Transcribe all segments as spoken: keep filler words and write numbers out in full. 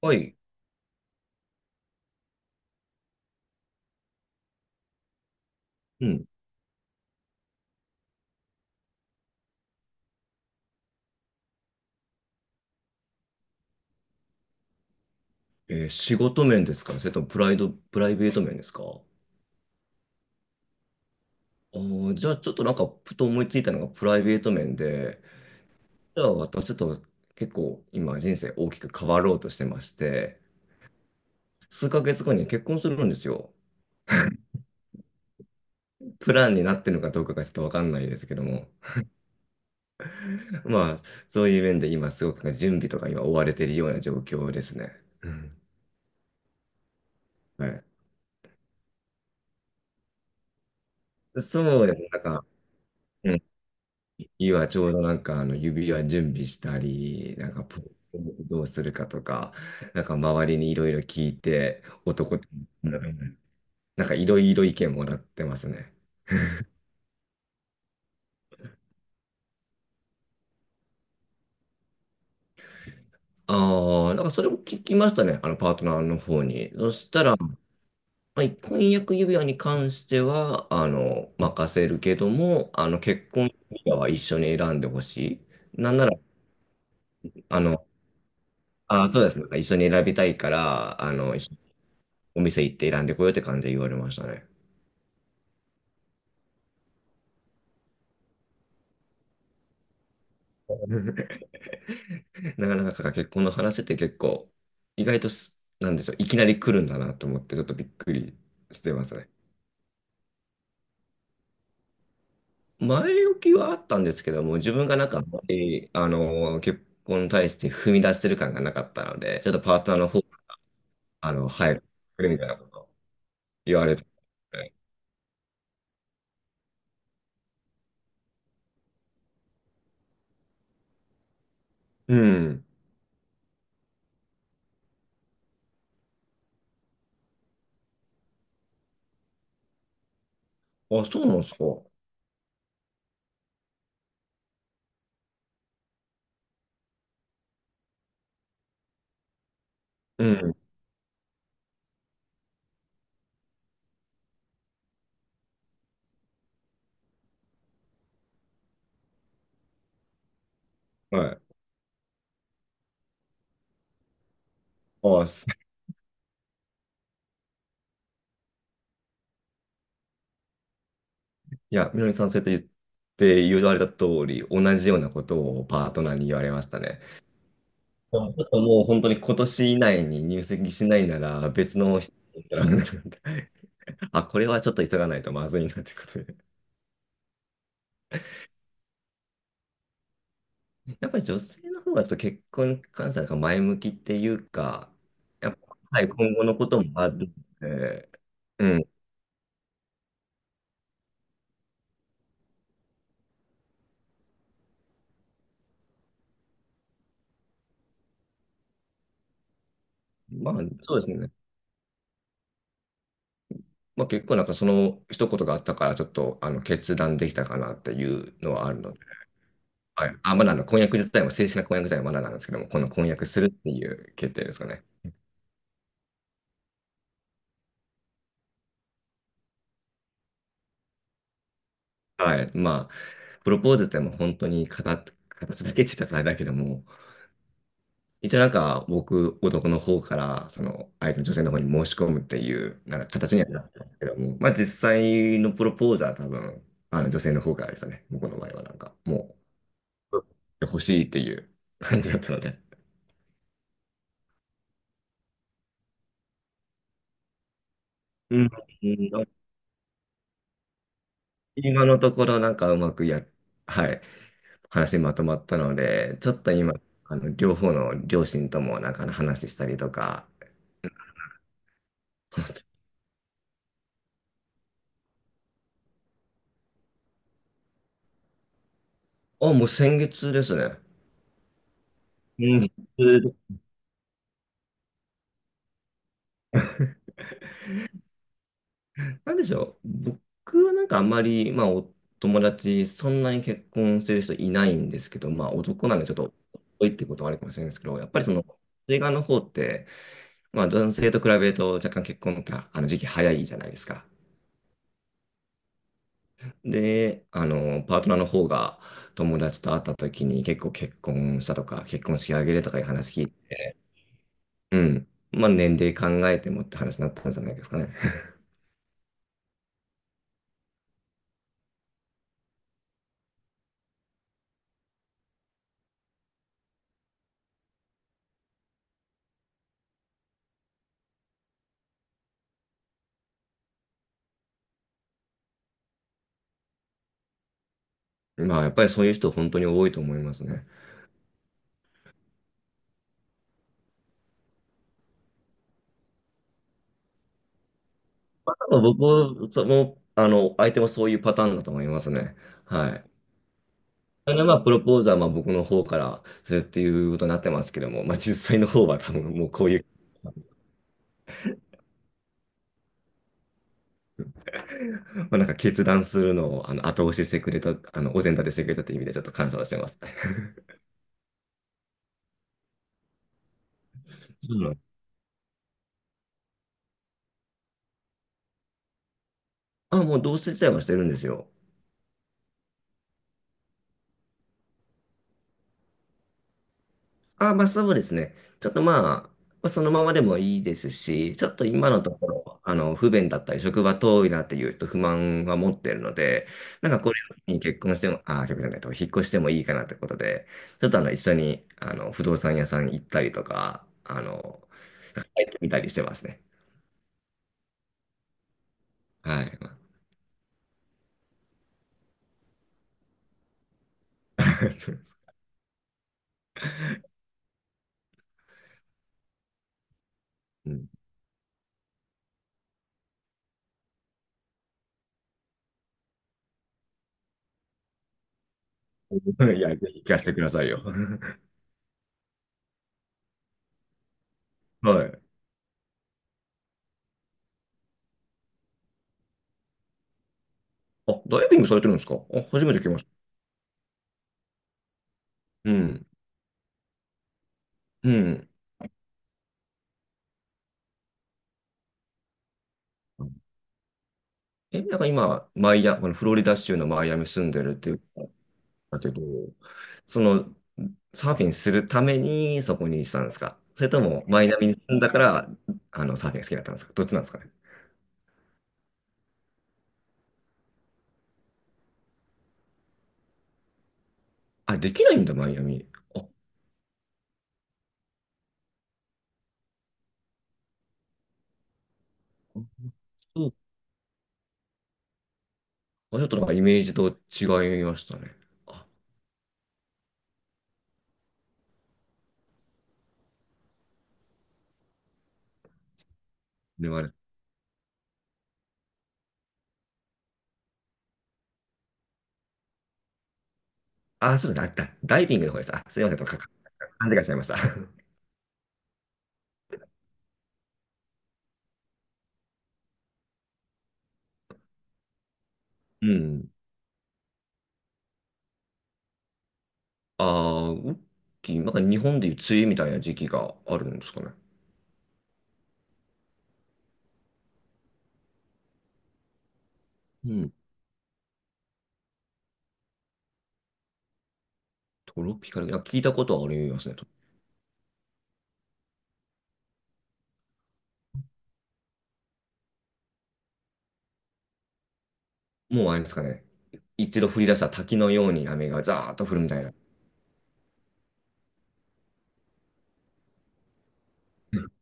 はい。うん。えー仕事面ですか？それともプライド、プライベート面ですか？あーじゃあちょっとなんか、ふと思いついたのがプライベート面で、じゃあ私ちょっと、結構今人生大きく変わろうとしてまして、数ヶ月後に結婚するんですよ。プランになってるのかどうかがちょっとわかんないですけども、まあ、そういう面で今すごく準備とか今追われているような状況ですね。うん。はい。そうですね。なんか、うん、今ちょうどなんかあの指輪準備したり、なんかポケモどうするかとか、なんか周りにいろいろ聞いて、男って、なんかいろいろ意見もらってますね。ああ、なんかそれも聞きましたね、あのパートナーの方に。そしたら、まあ婚約指輪に関しては、あの、任せるけども、あの、結婚指輪は一緒に選んでほしい。なんなら、あの、ああ、そうですね。なんか一緒に選びたいから、あの、一緒にお店行って選んでこようって感じで言われましたね。なかなか結婚の話って結構、意外とす、なんでしょう、いきなり来るんだなと思って、ちょっとびっくりしてますね。前置きはあったんですけども、自分がなんかあんまり、あの、結婚に対して踏み出してる感がなかったので、ちょっとパートナーの方、あの、入るみたいなこと言われて、うん。あ、そうなんですか。うん。はい。あ、すいや、みのりさんそうやって言って言われた通り、同じようなことをパートナーに言われましたね。ちょっともう本当に今年以内に入籍しないなら別の人に行ったら、 あ、これはちょっと急がないとまずいなということで。やっぱり女性の方がちょっと結婚に関しては前向きっていうか、やっぱ、はい、今後のこともあるので、うん、まあそうですね。まあ結構なんかその一言があったから、ちょっとあの決断できたかなっていうのはあるので、はい。あ、まだあの婚約自体も、正式な婚約自体はまだなんですけども、この婚約するっていう決定ですかね。はい。まあ、プロポーズってもう本当に形、形だけって言ったらあれだけども、一応なんか僕、男の方から、その相手の女性の方に申し込むっていう、なんか形にはなってますけども、まあ実際のプロポーズは多分、あの女性の方からでしたね。僕の場合はなんか、もう、欲しいっていう感じだったので。うん。うん、今のところなんかうまくや、はい、話まとまったので、ちょっと今、あの、両方の両親ともなんか話したりとか、あ、もう先月ですね。うん。なんでしょう。僕はなんかあんまり、まあ、お友達、そんなに結婚してる人いないんですけど、まあ、男なんでちょっと、多いってことはあるかもしれないですけど、やっぱりその、映画の方って、まあ、男性と比べると若干結婚っあの時期早いじゃないですか。で、あの、パートナーの方が友達と会った時に結構結婚したとか、結婚式挙げるとかいう話聞いて、うん。まあ、年齢考えてもって話になったんじゃないですかね。まあ、やっぱりそういう人本当に多いと思いますね。僕も、その、あの、相手もそういうパターンだと思いますね。はい。で、まあ、プロポーズは、まあ、僕の方からするっていうことになってますけども、まあ、実際の方は多分もうこういう、まあ、なんか決断するのを、あの、後押ししてくれた、あの、お膳立てしてくれたっていう意味でちょっと感謝をしてます。うん。あ、もう同棲自体はしてるんですよ。あ、まあそうですね。ちょっとまあ、まあそのままでもいいですし、ちょっと今のところ、あの、不便だったり、職場遠いなっていうと不満は持ってるので、なんかこれに結婚しても、あ、結婚じゃないと、引っ越してもいいかなってことで、ちょっとあの、一緒に、あの、不動産屋さん行ったりとか、あの、入ってみたりしてますね。はい。そうです、うん。いや、ぜひ聞かせてくださいよ。はい。あ、ダイビングされてるんですか？あ、初めて聞きました。うん。うん。え、なんか今、マイア、このフロリダ州のマイアミ住んでるっていうことだけど、その、サーフィンするためにそこにしたんですか？それとも、マイアミに住んだから、あの、サーフィンが好きだったんですか？どっちなんですかね？あ、できないんだ、マイアミ。あ、そう、あ、ちょっとなんかイメージと違いましたね。あ、でもあれ。あ、そうだ、だ、ダイビングの方です。あ、すいません、とか、か勘違いしちゃいました。うん。ああ、ウッキー、なんか日本でいう梅雨みたいな時期があるんですかね。うん。トロピカル、いや、聞いたことはありますね。と、もうあれですかね。一度降り出した滝のように雨がザーッと降るみたいな。うん。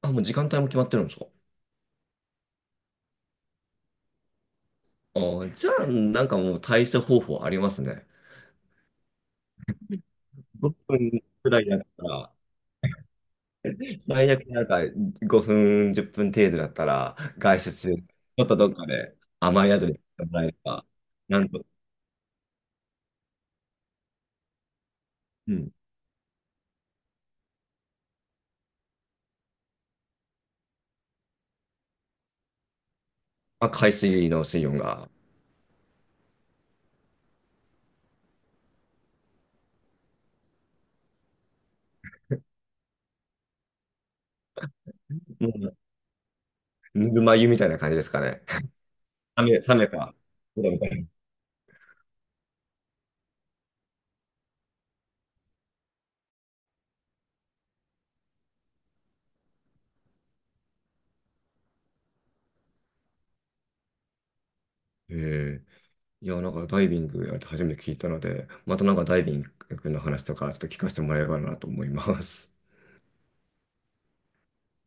あ、もう時間帯も決まってるんですか？あー、じゃあ、なんかもう対処方法ありますね。ごふんくらいだったら、最悪なんかごふん、じゅっぷん程度だったら、外出中、ちょっとどっかで甘い宿り行ってもらえれば、なんと、うん。まあ、海水の水温が、もうぬるま湯みたいな感じですかね。冷め、冷めた。ええ、いや、なんかダイビングやるって初めて聞いたので、またなんかダイビングの話とかちょっと聞かせてもらえればなと思います。